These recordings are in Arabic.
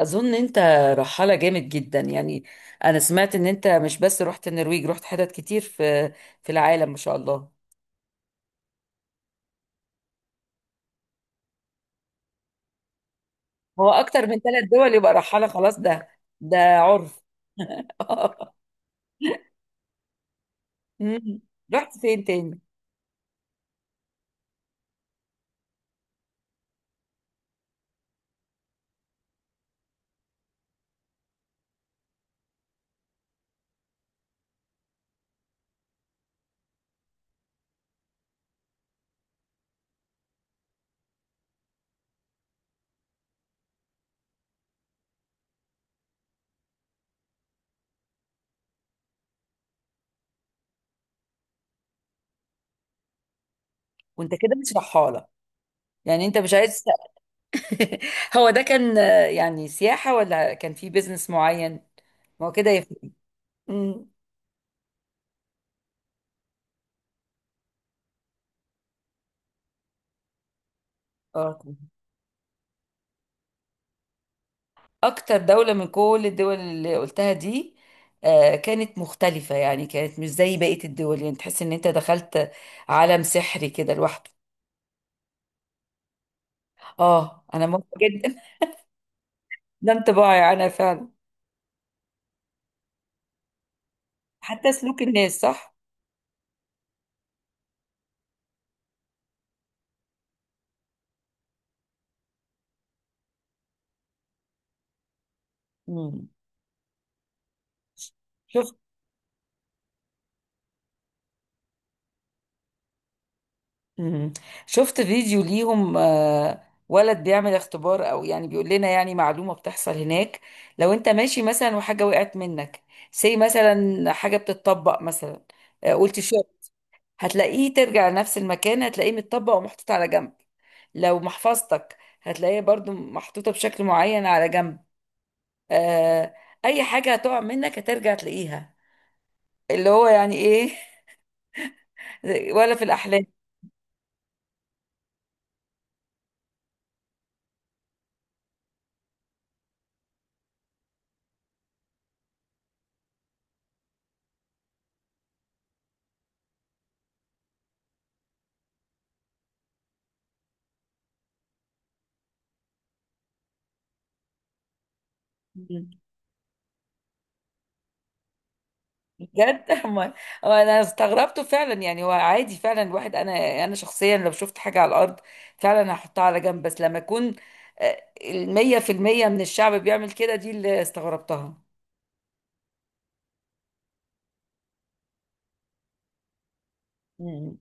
اظن انت رحالة جامد جدا يعني. انا سمعت ان انت مش بس رحت النرويج، رحت حتت كتير في العالم، ما شاء الله. هو اكتر من ثلاث دول يبقى رحالة خلاص، ده عرف. مم. رحت فين تاني؟ وانت كده مش رحالة؟ يعني انت مش عايز. هو ده كان يعني سياحة ولا كان في بيزنس معين؟ ما هو كده يفرق. مم. اه، اكتر دولة من كل الدول اللي قلتها دي كانت مختلفة، يعني كانت مش زي بقية الدول، يعني تحس ان انت دخلت عالم سحري كده لوحده. اه، انا موافقة جدا. ده انطباعي انا فعلا. حتى سلوك الناس، صح؟ مم. شفت؟ مم. شفت فيديو ليهم، ولد بيعمل اختبار، او يعني بيقول لنا يعني معلومة بتحصل هناك. لو انت ماشي مثلا وحاجة وقعت منك، سي مثلا حاجة بتتطبق مثلا، قلت شو، هتلاقيه ترجع لنفس المكان، هتلاقيه متطبق ومحطوط على جنب. لو محفظتك هتلاقيها برضو محطوطة بشكل معين على جنب، آه أي حاجة هتقع منك هترجع تلاقيها، اللي هو يعني إيه. ولا في الأحلام؟ بجد. أما أنا استغربته فعلا، يعني هو عادي فعلا، الواحد أنا شخصيا لو شفت حاجة على الأرض فعلا هحطها على جنب، بس لما يكون 100% من الشعب بيعمل كده، دي اللي استغربتها. مم.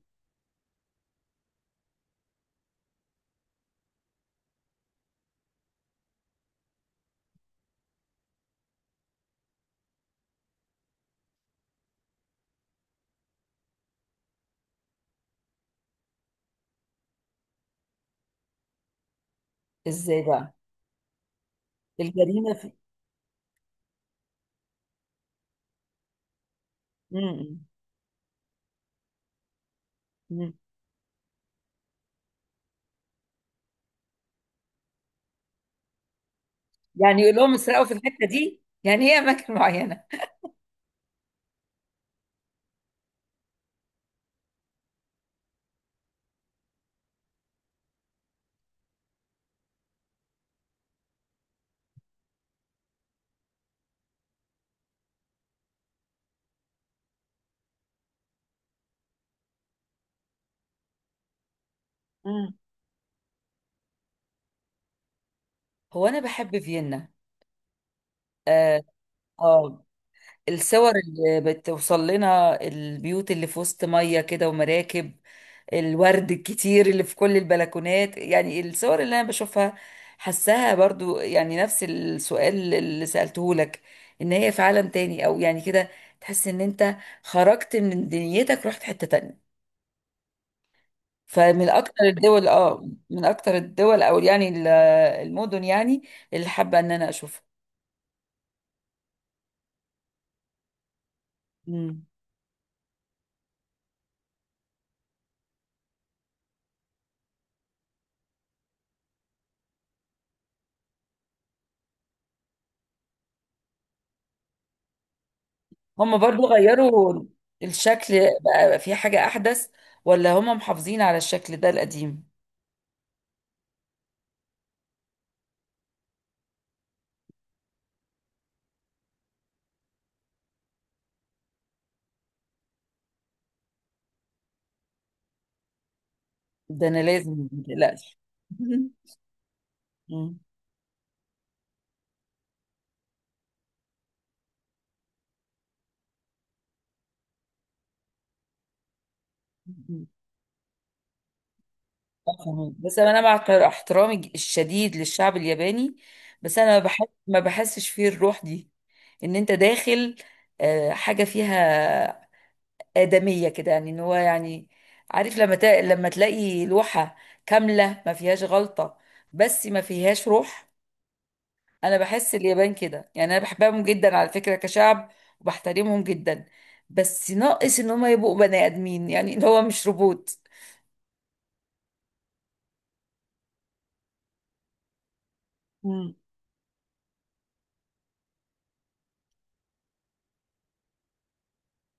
إزاي بقى؟ الجريمة؟ مم. مم. يعني يقول لهم اسرقوا في الحته دي؟ يعني هي اماكن معينه؟ مم. هو انا بحب فيينا. اه، آه، الصور اللي بتوصل لنا، البيوت اللي في وسط ميه كده ومراكب، الورد الكتير اللي في كل البلكونات، يعني الصور اللي انا بشوفها، حسها برضو يعني نفس السؤال اللي سألته لك، ان هي في عالم تاني او يعني كده، تحس ان انت خرجت من دنيتك، رحت حتة تانية. فمن اكتر الدول، او يعني المدن يعني اللي حابه ان انا اشوفها. مم. هم برضو غيروا الشكل؟ بقى في حاجه احدث؟ ولا هم محافظين على الشكل ده القديم؟ ده انا لازم متقلقش. مم. أفهم. بس انا مع احترامي الشديد للشعب الياباني، بس انا بحس ما بحسش فيه الروح دي، ان انت داخل حاجه فيها آدمية كده، يعني ان هو يعني عارف لما لما تلاقي لوحة كاملة ما فيهاش غلطة، بس ما فيهاش روح. انا بحس اليابان كده، يعني انا بحبهم جدا على فكرة كشعب وبحترمهم جدا، بس ناقص ان هم يبقوا بني ادمين، يعني اللي هو مش روبوت. مم.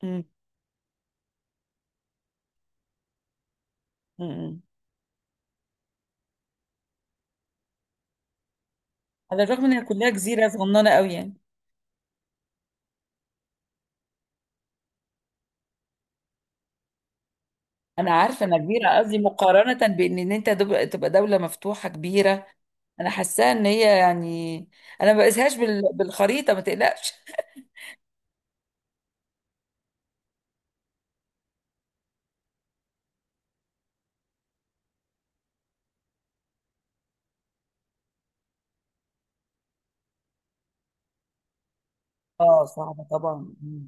مم. مم. على الرغم ان هي كلها جزيرة صغننة قوي يعني. انا عارفة انها كبيرة، قصدي مقارنة بان ان انت تبقى دولة مفتوحة كبيرة. انا حاساها ان هي يعني انا ما بقيسهاش بالخريطة، ما تقلقش. اه، صعبة طبعا. مم.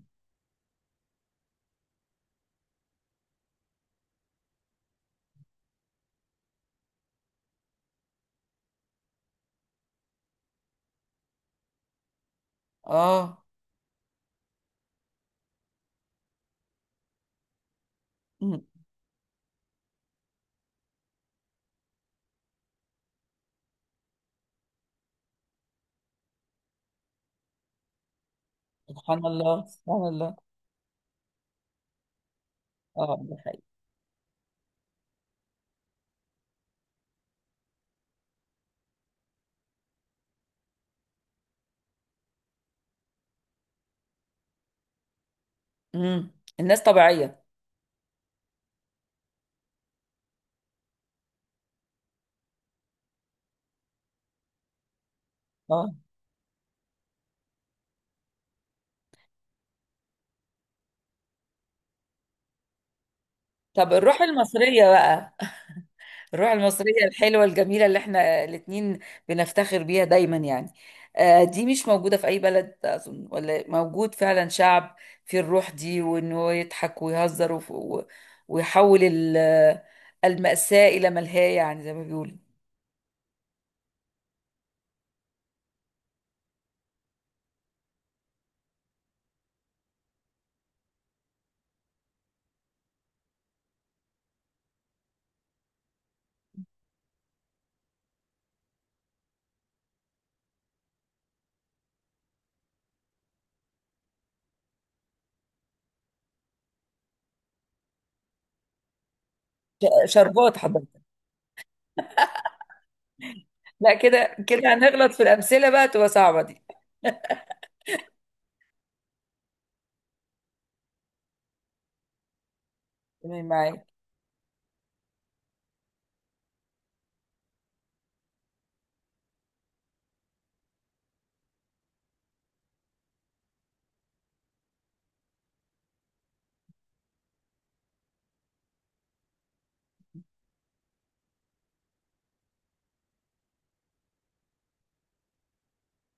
اه. مم. سبحان الله، سبحان الله. اه، ده حقيقي. مم. الناس طبيعية. اه، طب الروح المصرية بقى؟ الروح المصرية الحلوة الجميلة اللي احنا الاتنين بنفتخر بيها دايما، يعني دي مش موجودة في أي بلد أظن، ولا موجود فعلا شعب فيه الروح دي وإنه يضحك ويهزر ويحول المأساة إلى ملهاة، يعني زي ما بيقولوا. شربات حضرتك؟ لا، كده كده هنغلط في الأمثلة، بقى تبقى صعبة دي. تمام معاك.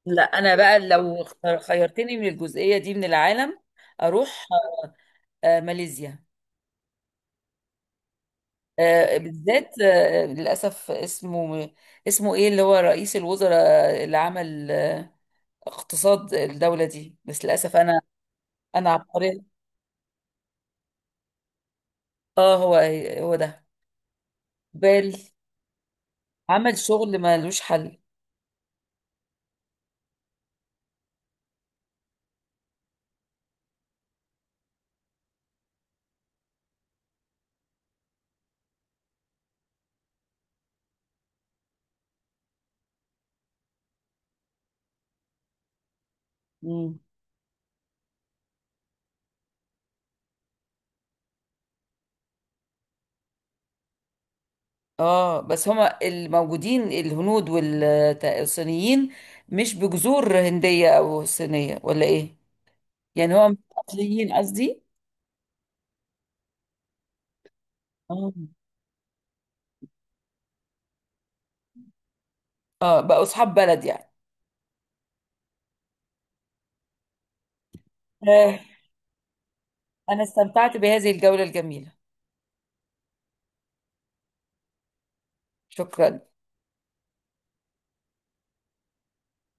لا أنا بقى لو خيرتني من الجزئية دي من العالم أروح ماليزيا. بالذات للأسف اسمه، اسمه إيه اللي هو رئيس الوزراء اللي عمل اقتصاد الدولة دي؟ بس للأسف أنا، أنا عبقرية. آه، هو ده. بال عمل شغل ملوش حل. مم. اه، بس هما الموجودين الهنود والصينيين مش بجذور هندية او صينية، ولا ايه؟ يعني هو مش اصليين قصدي. اه. اه، بقوا اصحاب بلد يعني. آه، انا استمتعت بهذه الجولة الجميلة. شكرا.